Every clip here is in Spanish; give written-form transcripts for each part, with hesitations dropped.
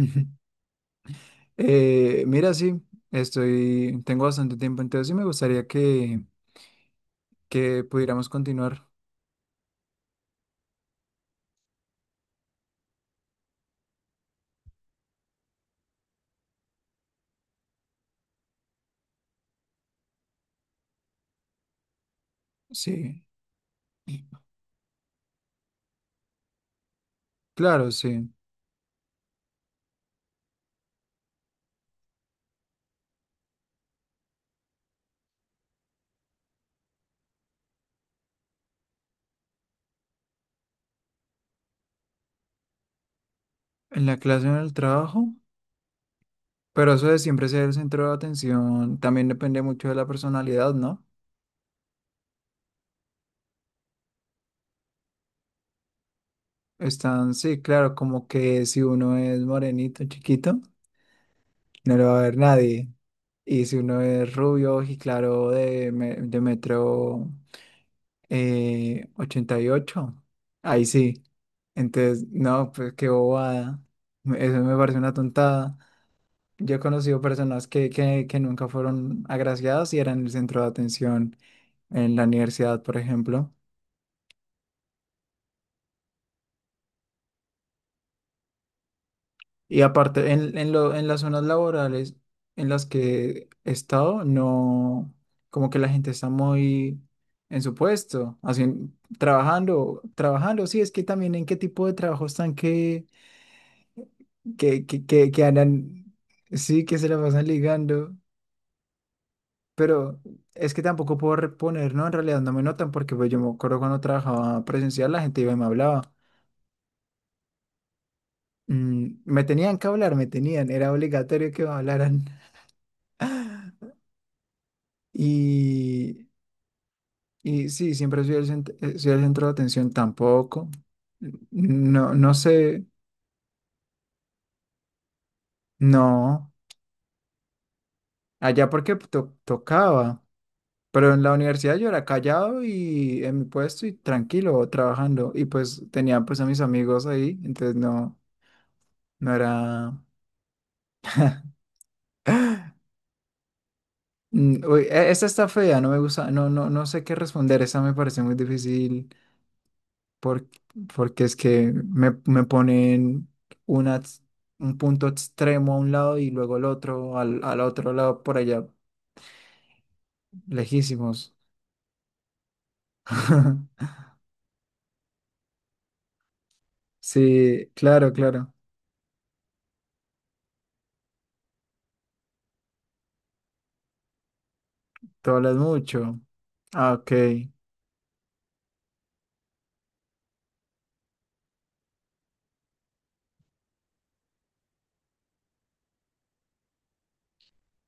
Ujú. Sí, estoy, tengo bastante tiempo, entonces sí me gustaría que, pudiéramos continuar. Sí, claro, sí. En la clase o en el trabajo, pero eso de siempre ser el centro de atención también depende mucho de la personalidad, ¿no? Están, sí, claro, como que si uno es morenito, chiquito, no lo va a ver nadie. Y si uno es rubio y claro de metro 88. Ahí sí. Entonces, no, pues qué bobada. Eso me parece una tontada. Yo he conocido personas que nunca fueron agraciadas y eran el centro de atención en la universidad, por ejemplo. Y aparte, en las zonas laborales en las que he estado, no, como que la gente está muy en su puesto, así, trabajando. Sí, es que también en qué tipo de trabajo están que andan, sí, que se la pasan ligando, pero es que tampoco puedo reponer, ¿no? En realidad no me notan porque pues, yo me acuerdo cuando trabajaba presencial, la gente iba y me hablaba. Me tenían que hablar, me tenían, era obligatorio que me hablaran. Y, y sí, siempre soy el, cent- soy el centro de atención tampoco. No, no sé, no. Allá porque tocaba. Pero en la universidad yo era callado y en mi puesto y tranquilo trabajando. Y pues tenía pues a mis amigos ahí, entonces no, no era... Uy, esta está fea, no me gusta, no, no, no sé qué responder, esa me parece muy difícil por- porque es que me ponen una, ex- un punto extremo a un lado y luego el otro, al otro lado por allá, lejísimos. Sí, claro, claro, tú hablas mucho. Ah, ok,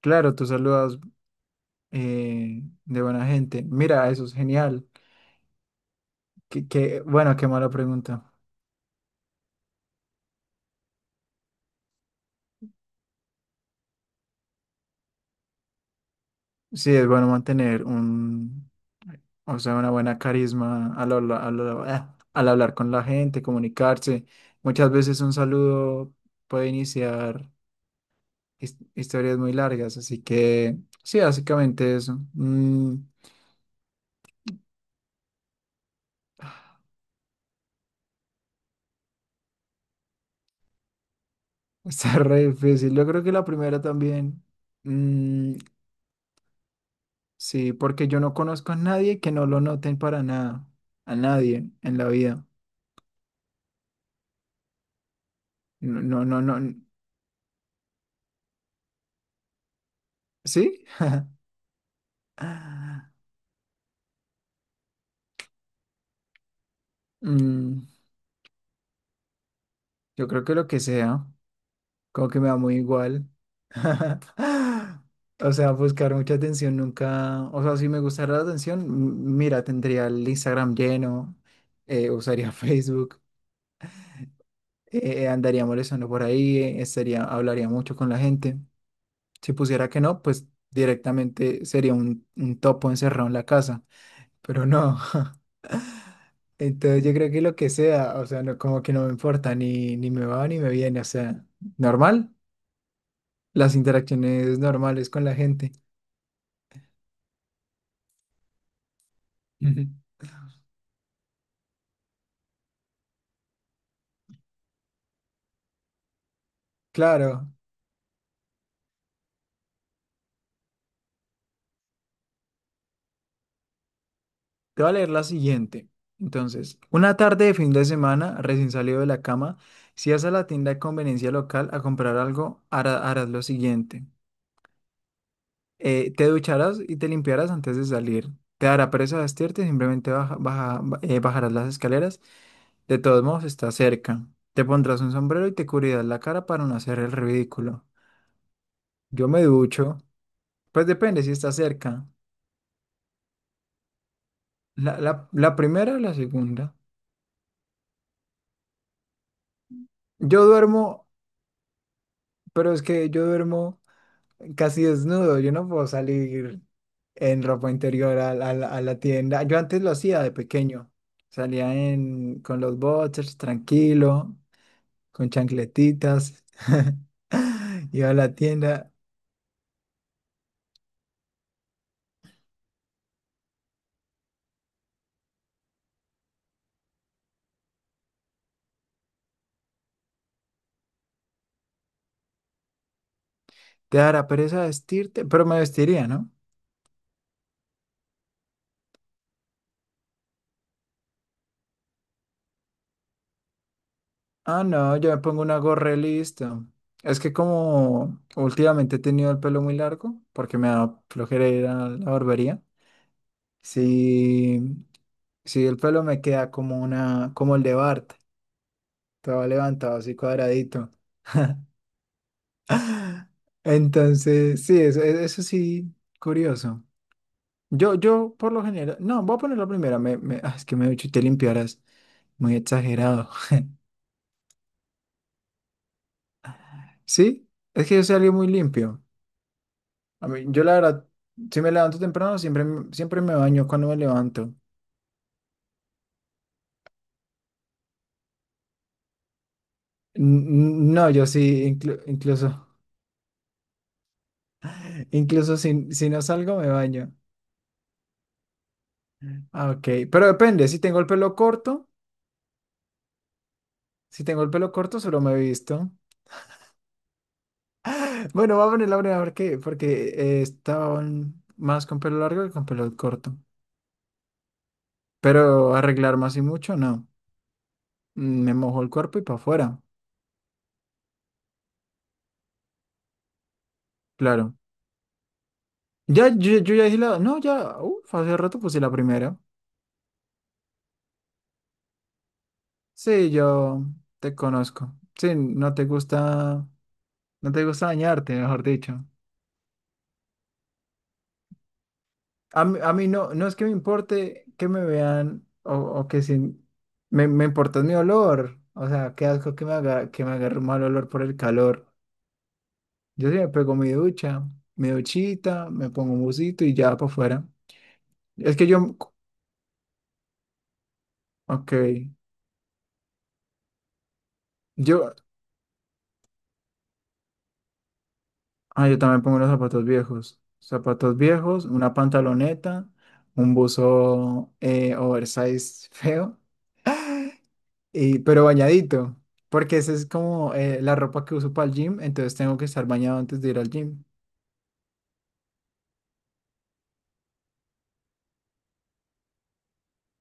claro, tú saludas de buena gente. Mira, eso es genial. Qué mala pregunta. Sí, es bueno mantener un, o sea, una buena carisma al hablar con la gente, comunicarse. Muchas veces un saludo puede iniciar historias muy largas, así que sí, básicamente eso. Está re difícil. Yo creo que la primera también. Mm, sí, porque yo no conozco a nadie que no lo noten para nada, a nadie en la vida. No, no, no, no. ¿Sí? Mm, yo creo que lo que sea, como que me da muy igual. O sea, buscar mucha atención nunca. O sea, si me gustara la atención, mira, tendría el Instagram lleno, usaría Facebook, andaría molestando por ahí, hablaría mucho con la gente. Si pusiera que no, pues directamente sería un topo encerrado en la casa. Pero no. Entonces yo creo que lo que sea, o sea, no, como que no me importa, ni, ni me va ni me viene, o sea, normal, las interacciones normales con la gente. Ujú. Claro, te voy a leer la siguiente. Entonces, una tarde de fin de semana, recién salido de la cama, si vas a la tienda de conveniencia local a comprar algo, harás lo siguiente. Te ducharás y te limpiarás antes de salir. Te dará pereza vestirte, simplemente bajarás las escaleras. De todos modos, está cerca. Te pondrás un sombrero y te cubrirás la cara para no hacer el ridículo. Yo me ducho. Pues depende si está cerca. La primera o la segunda. Yo duermo, pero es que yo duermo casi desnudo. Yo no puedo salir en ropa interior a la tienda. Yo antes lo hacía de pequeño. Salía en, con los boxers, tranquilo, con chancletitas. Iba a la tienda. Te dará pereza vestirte, pero me vestiría, ¿no? Ah, no, yo me pongo una gorra y listo. Es que como últimamente he tenido el pelo muy largo, porque me da flojera ir a la barbería. Sí, sí, el pelo me queda como una, como el de Bart, todo levantado así cuadradito. Entonces, sí, eso, eso sí, curioso. Yo por lo general, no, voy a poner la primera, es que me he dicho te limpiarás, muy exagerado. Sí, es que yo salí muy limpio. A mí, yo la verdad, si me levanto temprano, siempre, siempre me baño cuando me levanto. No, yo sí, incluso, incluso si, si no salgo, me baño. Ah, ok, pero depende, si tengo el pelo corto, si tengo el pelo corto, solo me he visto. Bueno, voy a poner la breve porque, porque estaban más con pelo largo que con pelo corto. Pero arreglarme así mucho, no. Me mojo el cuerpo y para afuera, claro. Ya, yo ya dije la, no, ya, uf, hace rato puse la primera. Sí, yo te conozco. Sí, no te gusta, no te gusta dañarte, mejor dicho. A mí no, no es que me importe que me vean o que si me, me importa mi olor. O sea, qué asco que me haga, que me agarre un mal olor por el calor. Yo sí me pego mi ducha, mi duchita, me pongo un busito y ya para afuera. Es que yo, ok, yo. Ah, yo también pongo los zapatos viejos. Zapatos viejos, una pantaloneta, un buzo oversize feo, y, pero bañadito, porque esa es como la ropa que uso para el gym, entonces tengo que estar bañado antes de ir al gym.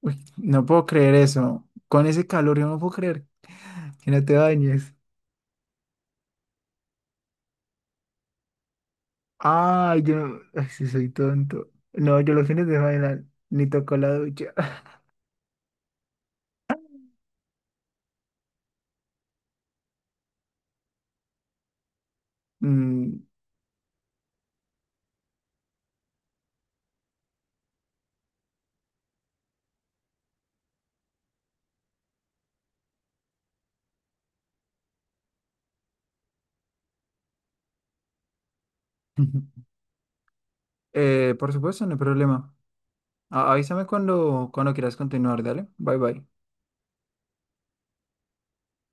Uy, no puedo creer eso. Con ese calor yo no puedo creer que no te bañes. Ah, yo ay, sí soy tonto. No, yo los fines de semana ni toco la ducha. Mm, por supuesto, no hay problema. Avísame cuando, cuando quieras continuar, dale. Bye bye.